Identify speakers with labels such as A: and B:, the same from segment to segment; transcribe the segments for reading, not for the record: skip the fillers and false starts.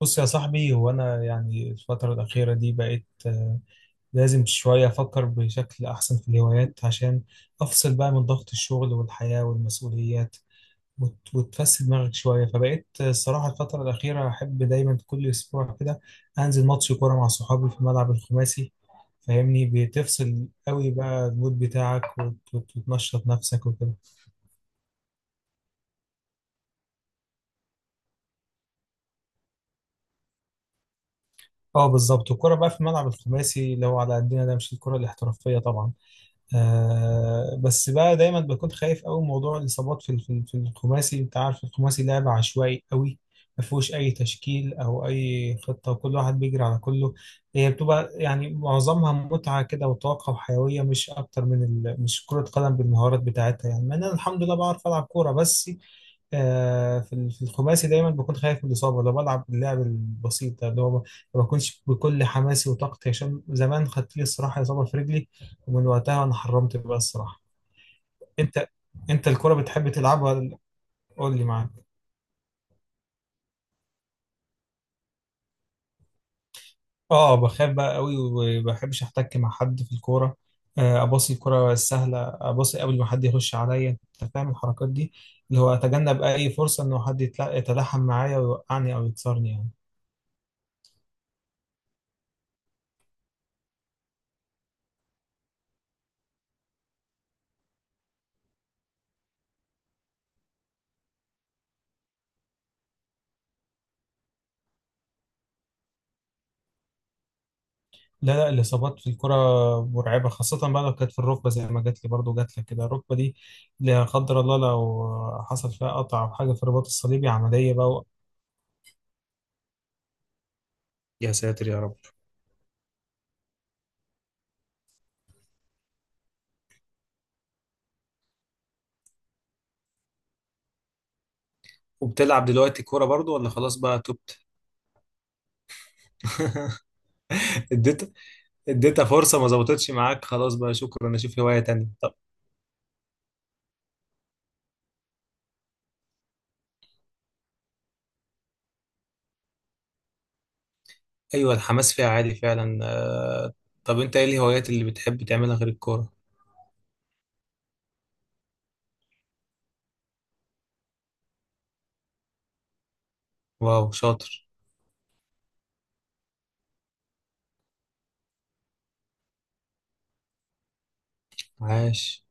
A: بص يا صاحبي، هو أنا يعني الفترة الأخيرة دي بقيت لازم شوية أفكر بشكل أحسن في الهوايات عشان أفصل بقى من ضغط الشغل والحياة والمسؤوليات وتفسد دماغك شوية. فبقيت الصراحة الفترة الأخيرة أحب دايما كل أسبوع كده أنزل ماتش كورة مع صحابي في الملعب الخماسي. فاهمني؟ بتفصل قوي بقى المود بتاعك وتنشط نفسك وكده. اه، بالظبط. الكورة بقى في الملعب الخماسي لو على قدنا، ده مش الكورة الاحترافية طبعا. آه بس بقى دايما بكون خايف قوي من موضوع الاصابات في الخماسي. انت عارف الخماسي لعبه عشوائي قوي، ما فيهوش اي تشكيل او اي خطه، وكل واحد بيجري على كله. هي بتبقى يعني معظمها متعه كده وطاقه وحيويه، مش اكتر مش كره قدم بالمهارات بتاعتها يعني، مع ان انا الحمد لله بعرف العب كوره. بس في الخماسي دايما بكون خايف من الإصابة، لو بلعب اللعب البسيط ده اللي هو ما بكونش بكل حماسي وطاقتي، عشان زمان خدت لي الصراحة إصابة في رجلي، ومن وقتها أنا حرمت بقى الصراحة. أنت أنت الكرة بتحب تلعبها قول لي معاك. أه، بخاف بقى قوي، وما بحبش أحتك مع حد في الكورة. أباصي الكرة السهلة، أباصي قبل ما حد يخش عليا، أنت فاهم الحركات دي. اللي هو أتجنب أي فرصة إنه حد يتلاحم معايا ويوقعني أو يكسرني يعني. لا، لا، الإصابات في الكرة مرعبة، خاصة بقى لو كانت في الركبة زي ما جات لي، برضه جات لك كده الركبة دي. لا قدر الله لو حصل فيها قطع أو حاجة في الرباط الصليبي، عملية بقى. يا ساتر يا رب. وبتلعب دلوقتي كورة برضو ولا خلاص بقى تبت؟ اديت اديتها فرصة، ما ظبطتش معاك، خلاص بقى شكرا، اشوف هواية تانية. طب. ايوه، الحماس فيها عالي فعلا. طب انت ايه الهوايات اللي بتحب تعملها غير الكورة؟ واو، شاطر. عاش.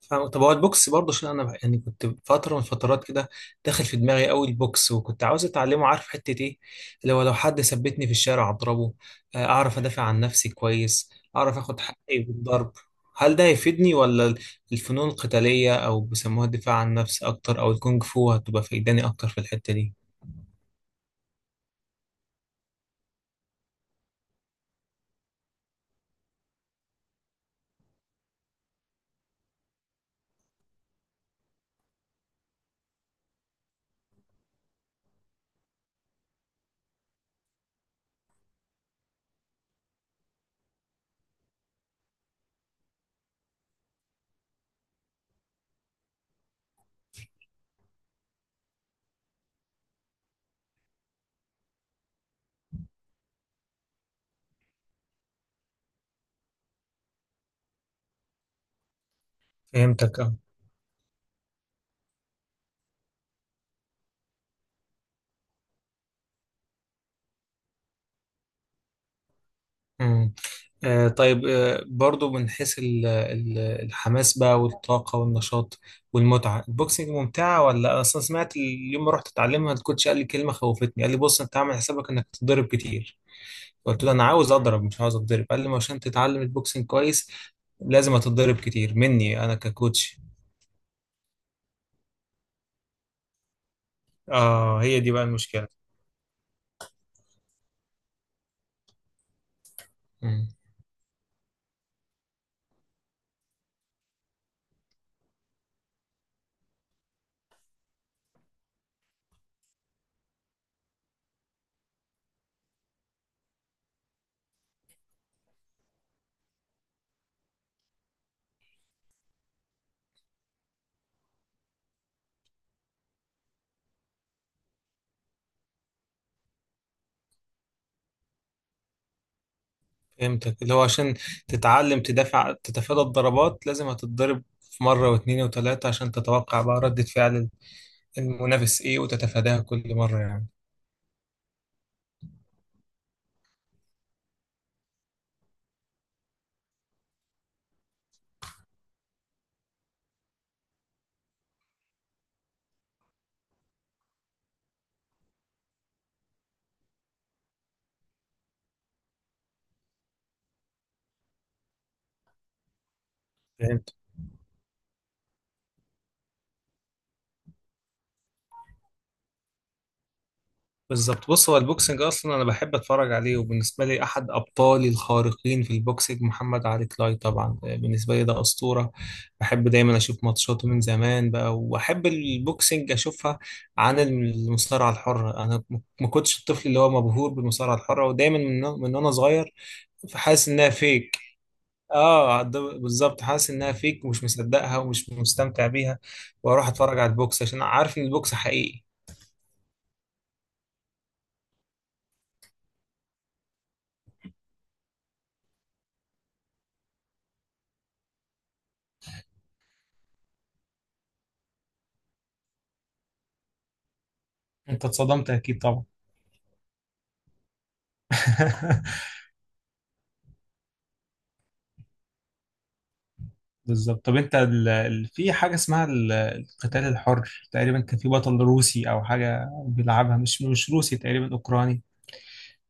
A: فاهم. طب هو البوكس برضه، عشان انا يعني كنت فتره من الفترات كده داخل في دماغي قوي البوكس، وكنت عاوز اتعلمه. عارف حته ايه؟ اللي هو لو حد ثبتني في الشارع اضربه، اعرف ادافع عن نفسي كويس، اعرف اخد حقي بالضرب. هل ده هيفيدني، ولا الفنون القتاليه او بيسموها الدفاع عن النفس اكتر، او الكونغ فو هتبقى فايداني اكتر في الحته دي؟ فهمتك، اه. مم. آه طيب، برضو من حيث الحماس بقى والطاقة والنشاط والمتعة، البوكسنج ممتعة؟ ولا أنا أصلا سمعت اليوم ما رحت أتعلمها الكوتش قال لي كلمة خوفتني، قال لي بص أنت عامل حسابك إنك تتضرب كتير. قلت له أنا عاوز أضرب مش عاوز أتضرب. قال لي ما عشان تتعلم البوكسنج كويس لازم أتضرب كتير مني أنا ككوتش. آه، هي دي بقى المشكلة. مم. فهمتك، اللي هو عشان تتعلم تدافع تتفادى الضربات لازم هتتضرب في مرة واثنين وثلاثة عشان تتوقع بقى ردة فعل المنافس ايه وتتفاداها كل مرة يعني. فهمت. بالظبط. بص هو البوكسنج اصلا انا بحب اتفرج عليه، وبالنسبة لي احد ابطالي الخارقين في البوكسنج محمد علي كلاي، طبعا بالنسبة لي ده اسطورة. بحب دايما اشوف ماتشاته من زمان بقى، واحب البوكسنج اشوفها عن المصارعة الحرة. انا ما كنتش الطفل اللي هو مبهور بالمصارعة الحرة، ودايما من وانا صغير فحاسس انها فيك. اه، ده بالظبط، حاسس انها فيك ومش مصدقها ومش مستمتع بيها، واروح اتفرج على البوكس عشان عارف ان البوكس حقيقي. انت اتصدمت اكيد طبعا. بالظبط. طب انت في حاجه اسمها القتال الحر تقريبا، كان في بطل روسي او حاجه بيلعبها، مش روسي تقريبا، اوكراني.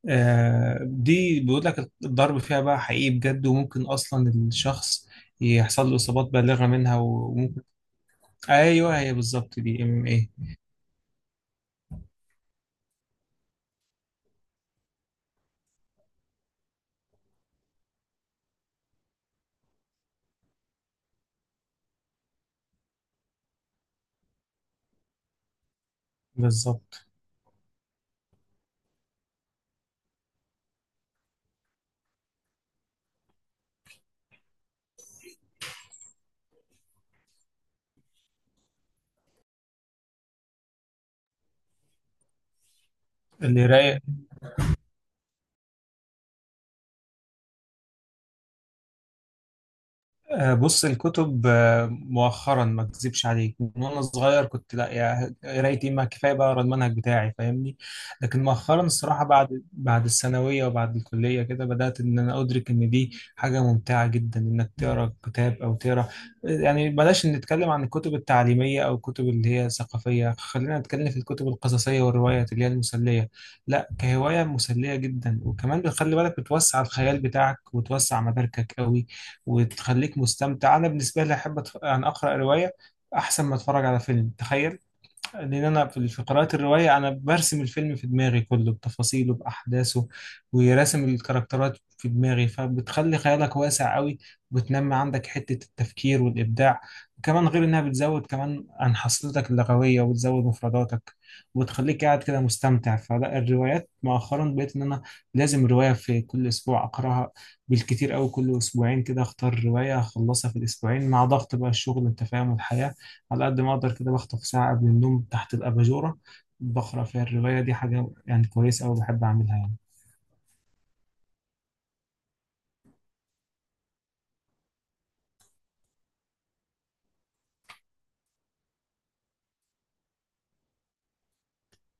A: دي بيقول لك الضرب فيها بقى حقيقي بجد، وممكن اصلا الشخص يحصل له اصابات بالغه منها، وممكن. ايوه، هي بالظبط، دي ام ام اي. بالظبط. اللي رايق. بص الكتب، مؤخرا ما اكذبش عليك، من وانا صغير كنت لا يا قرايتي، ما كفايه بقى اقرا المنهج بتاعي فاهمني. لكن مؤخرا الصراحه بعد الثانويه وبعد الكليه كده بدات ان انا ادرك ان دي حاجه ممتعه جدا، انك تقرا كتاب او تقرا، يعني بلاش نتكلم عن الكتب التعليميه او الكتب اللي هي ثقافيه، خلينا نتكلم في الكتب القصصيه والروايات اللي هي المسليه. لا كهوايه مسليه جدا، وكمان بتخلي بالك، بتوسع الخيال بتاعك وتوسع مداركك قوي وتخليك مستمتع. انا بالنسبه لي احب يعني اقرا روايه احسن ما اتفرج على فيلم. تخيل، لان انا في قراءة الرواية انا برسم الفيلم في دماغي كله بتفاصيله باحداثه، وراسم الكاركترات في دماغي، فبتخلي خيالك واسع قوي وبتنمي عندك حتة التفكير والابداع. وكمان غير انها بتزود كمان عن حصيلتك اللغوية وبتزود مفرداتك وبتخليك قاعد كده مستمتع. فلا الروايات مؤخرا بقيت ان انا لازم رواية في كل اسبوع اقراها، بالكتير قوي كل اسبوعين كده اختار رواية اخلصها في الاسبوعين مع ضغط بقى الشغل انت فاهم والحياة. على قد ما أقدر كده بخطف ساعة قبل النوم تحت الأباجورة بقرأ فيها الرواية دي، حاجة يعني كويسة أوي بحب أعملها يعني.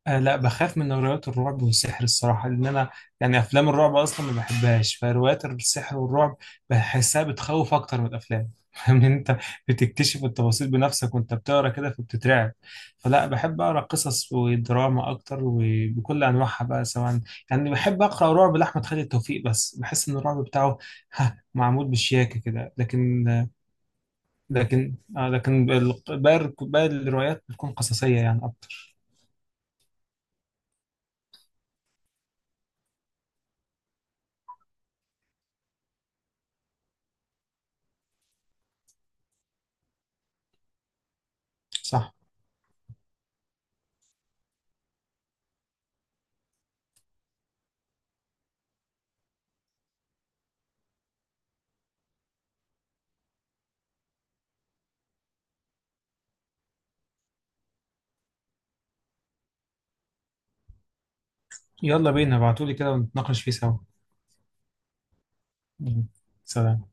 A: آه لا، بخاف من روايات الرعب والسحر الصراحة، لأن أنا يعني أفلام الرعب أصلا ما بحبهاش، فروايات السحر والرعب بحسها بتخوف أكتر من الأفلام. فاهم أنت، بتكتشف التفاصيل بنفسك وأنت بتقرا كده فبتترعب. فلا بحب أقرا قصص ودراما أكتر وبكل أنواعها بقى، سواء يعني بحب أقرأ رعب لأحمد خالد توفيق، بس بحس إن الرعب بتاعه ها، معمول بشياكة كده، لكن باقي الروايات بتكون قصصية يعني أكتر. صح. يلا بينا، ابعتولي كده ونتناقش فيه سوا. مم. سلام.